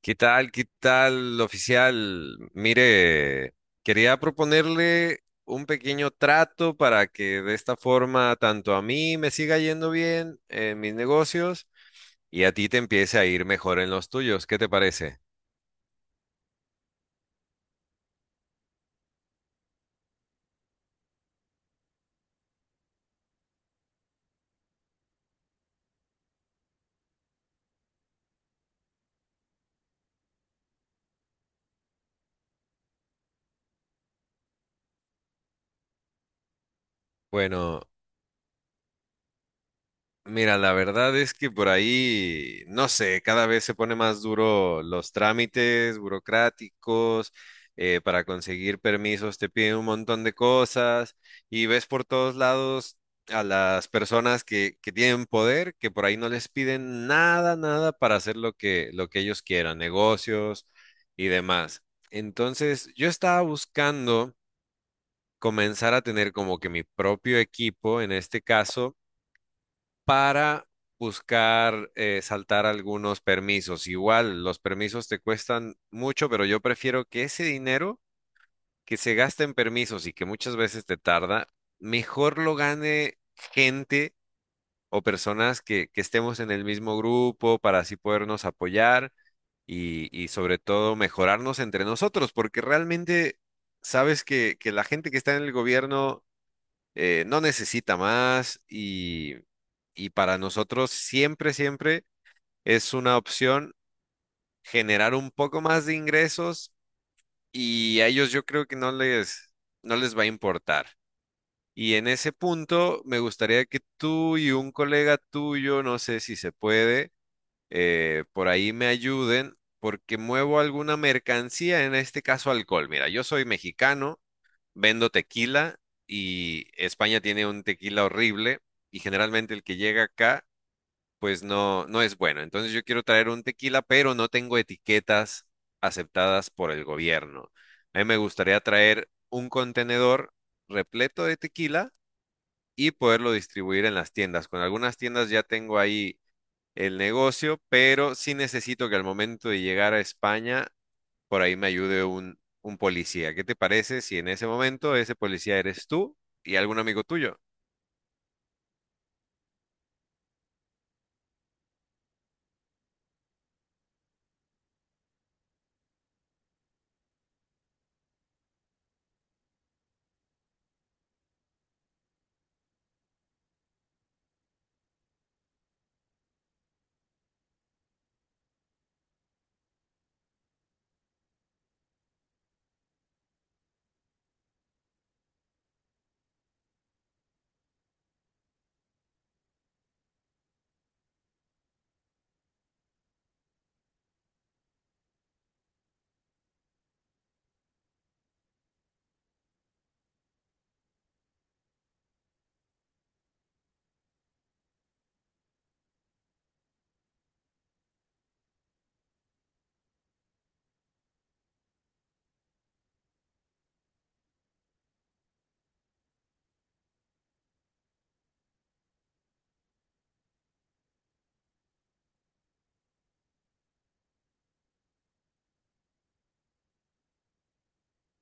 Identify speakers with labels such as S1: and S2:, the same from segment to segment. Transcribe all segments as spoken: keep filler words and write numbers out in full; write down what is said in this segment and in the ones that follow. S1: ¿Qué tal? ¿Qué tal, oficial? Mire, quería proponerle un pequeño trato para que de esta forma tanto a mí me siga yendo bien en mis negocios y a ti te empiece a ir mejor en los tuyos. ¿Qué te parece? Bueno, mira, la verdad es que por ahí, no sé, cada vez se pone más duro los trámites burocráticos, eh, para conseguir permisos te piden un montón de cosas y ves por todos lados a las personas que, que tienen poder, que por ahí no les piden nada, nada para hacer lo que, lo que ellos quieran, negocios y demás. Entonces, yo estaba buscando comenzar a tener como que mi propio equipo, en este caso para buscar eh, saltar algunos permisos. Igual, los permisos te cuestan mucho, pero yo prefiero que ese dinero que se gasta en permisos y que muchas veces te tarda, mejor lo gane gente o personas que, que estemos en el mismo grupo para así podernos apoyar y, y sobre todo mejorarnos entre nosotros, porque realmente sabes que, que la gente que está en el gobierno eh, no necesita más y, y para nosotros siempre, siempre es una opción generar un poco más de ingresos y a ellos yo creo que no les, no les va a importar. Y en ese punto me gustaría que tú y un colega tuyo, no sé si se puede, eh, por ahí me ayuden porque muevo alguna mercancía, en este caso alcohol. Mira, yo soy mexicano, vendo tequila y España tiene un tequila horrible y generalmente el que llega acá pues no, no es bueno. Entonces yo quiero traer un tequila, pero no tengo etiquetas aceptadas por el gobierno. A mí me gustaría traer un contenedor repleto de tequila y poderlo distribuir en las tiendas. Con algunas tiendas ya tengo ahí el negocio, pero sí necesito que al momento de llegar a España por ahí me ayude un, un policía. ¿Qué te parece si en ese momento ese policía eres tú y algún amigo tuyo?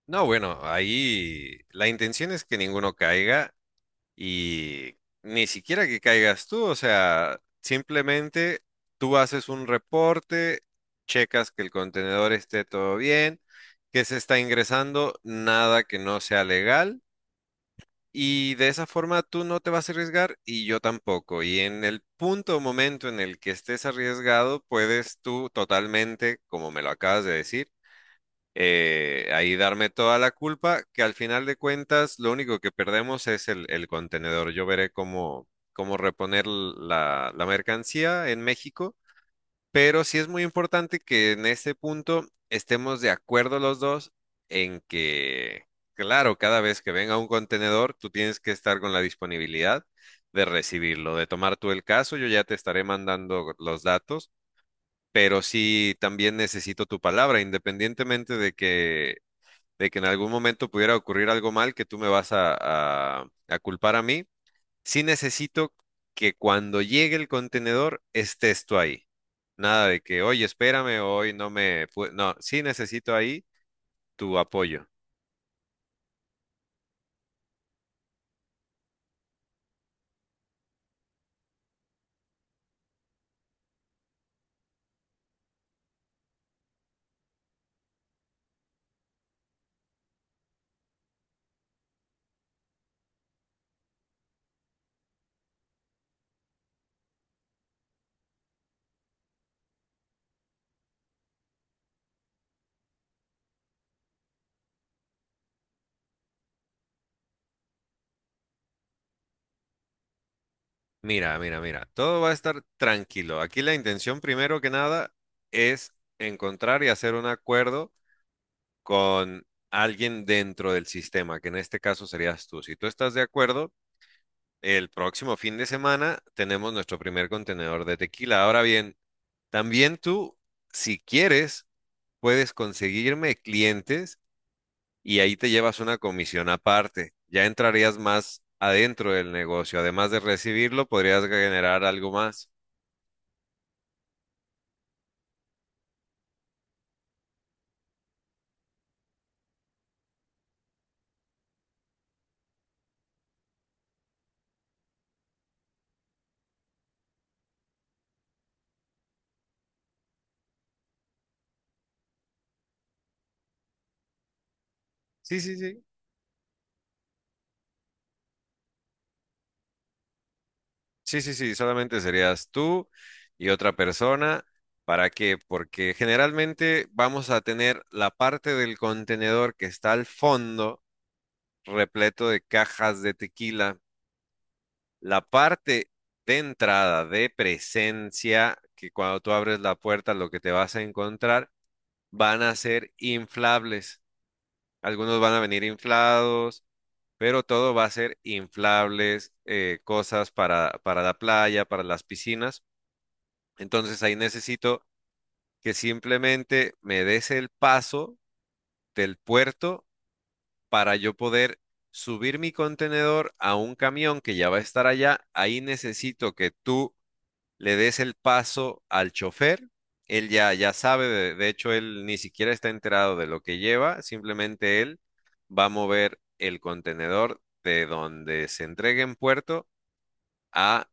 S1: No, bueno, ahí la intención es que ninguno caiga y ni siquiera que caigas tú, o sea, simplemente tú haces un reporte, checas que el contenedor esté todo bien, que se está ingresando, nada que no sea legal. Y de esa forma tú no te vas a arriesgar y yo tampoco. Y en el punto o momento en el que estés arriesgado, puedes tú totalmente, como me lo acabas de decir, eh, ahí darme toda la culpa, que al final de cuentas lo único que perdemos es el, el contenedor. Yo veré cómo, cómo reponer la, la mercancía en México, pero sí es muy importante que en este punto estemos de acuerdo los dos en que, claro, cada vez que venga un contenedor, tú tienes que estar con la disponibilidad de recibirlo, de tomar tú el caso, yo ya te estaré mandando los datos, pero sí también necesito tu palabra, independientemente de que, de que en algún momento pudiera ocurrir algo mal que tú me vas a, a a culpar a mí, sí necesito que cuando llegue el contenedor estés tú ahí. Nada de que, oye, espérame, hoy no me... pu- No, sí necesito ahí tu apoyo. Mira, mira, mira, todo va a estar tranquilo. Aquí la intención, primero que nada, es encontrar y hacer un acuerdo con alguien dentro del sistema, que en este caso serías tú. Si tú estás de acuerdo, el próximo fin de semana tenemos nuestro primer contenedor de tequila. Ahora bien, también tú, si quieres, puedes conseguirme clientes y ahí te llevas una comisión aparte. Ya entrarías más adentro del negocio. Además de recibirlo, podrías generar algo más. Sí, sí, sí. Sí, sí, sí. Solamente serías tú y otra persona. ¿Para qué? Porque generalmente vamos a tener la parte del contenedor que está al fondo, repleto de cajas de tequila. La parte de entrada, de presencia, que cuando tú abres la puerta lo que te vas a encontrar van a ser inflables. Algunos van a venir inflados, pero todo va a ser inflables, eh, cosas para, para la playa, para las piscinas. Entonces ahí necesito que simplemente me des el paso del puerto para yo poder subir mi contenedor a un camión que ya va a estar allá. Ahí necesito que tú le des el paso al chofer. Él ya, ya sabe, de, de hecho, él ni siquiera está enterado de lo que lleva, simplemente él va a mover el contenedor de donde se entregue en puerto a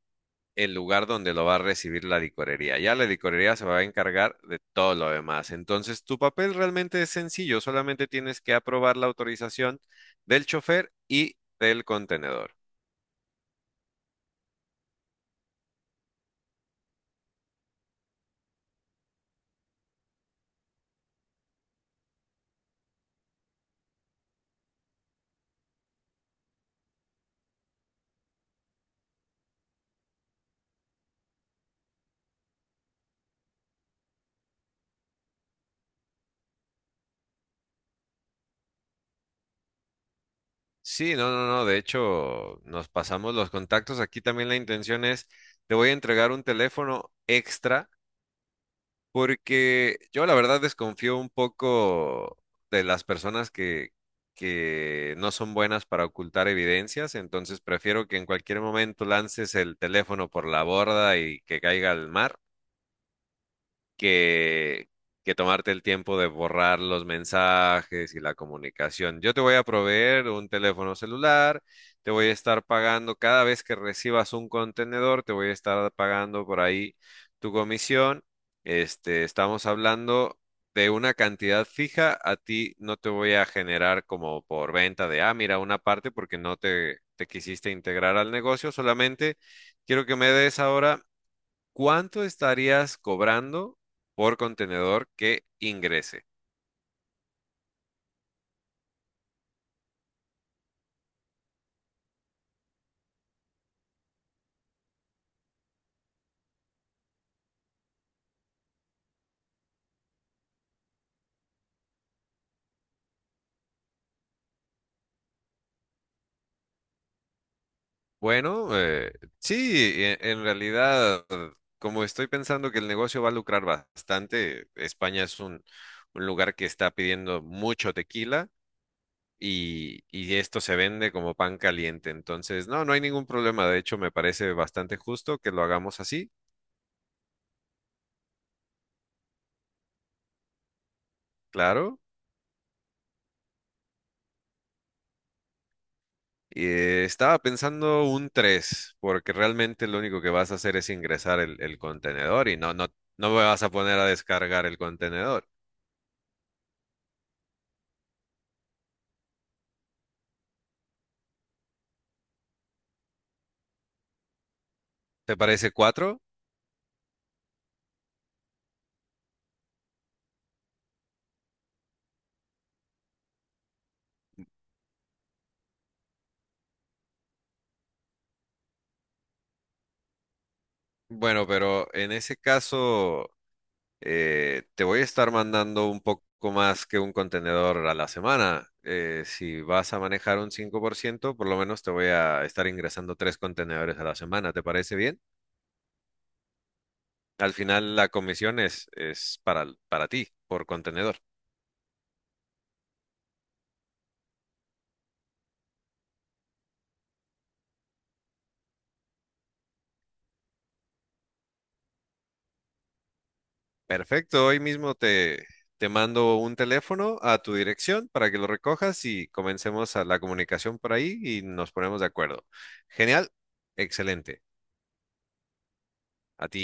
S1: el lugar donde lo va a recibir la licorería. Ya la licorería se va a encargar de todo lo demás. Entonces, tu papel realmente es sencillo, solamente tienes que aprobar la autorización del chofer y del contenedor. Sí, no, no, no. De hecho, nos pasamos los contactos. Aquí también la intención es, te voy a entregar un teléfono extra porque yo la verdad desconfío un poco de las personas que, que no son buenas para ocultar evidencias. Entonces prefiero que en cualquier momento lances el teléfono por la borda y que caiga al mar que, que tomarte el tiempo de borrar los mensajes y la comunicación. Yo te voy a proveer un teléfono celular, te voy a estar pagando cada vez que recibas un contenedor, te voy a estar pagando por ahí tu comisión. Este, estamos hablando de una cantidad fija, a ti no te voy a generar como por venta de, ah, mira, una parte porque no te, te quisiste integrar al negocio, solamente quiero que me des ahora. ¿Cuánto estarías cobrando por contenedor que ingrese? Bueno, eh, sí, e- en realidad, como estoy pensando que el negocio va a lucrar bastante, España es un, un lugar que está pidiendo mucho tequila y, y esto se vende como pan caliente. Entonces, no, no hay ningún problema. De hecho, me parece bastante justo que lo hagamos así, claro. Y, eh, estaba pensando un tres porque realmente lo único que vas a hacer es ingresar el, el contenedor y no, no, no me vas a poner a descargar el contenedor. ¿Te parece cuatro? Bueno, pero en ese caso eh, te voy a estar mandando un poco más que un contenedor a la semana. Eh, si vas a manejar un cinco por ciento, por lo menos te voy a estar ingresando tres contenedores a la semana. ¿Te parece bien? Al final la comisión es, es para, para ti por contenedor. Perfecto, hoy mismo te, te mando un teléfono a tu dirección para que lo recojas y comencemos a la comunicación por ahí y nos ponemos de acuerdo. Genial, excelente, a ti.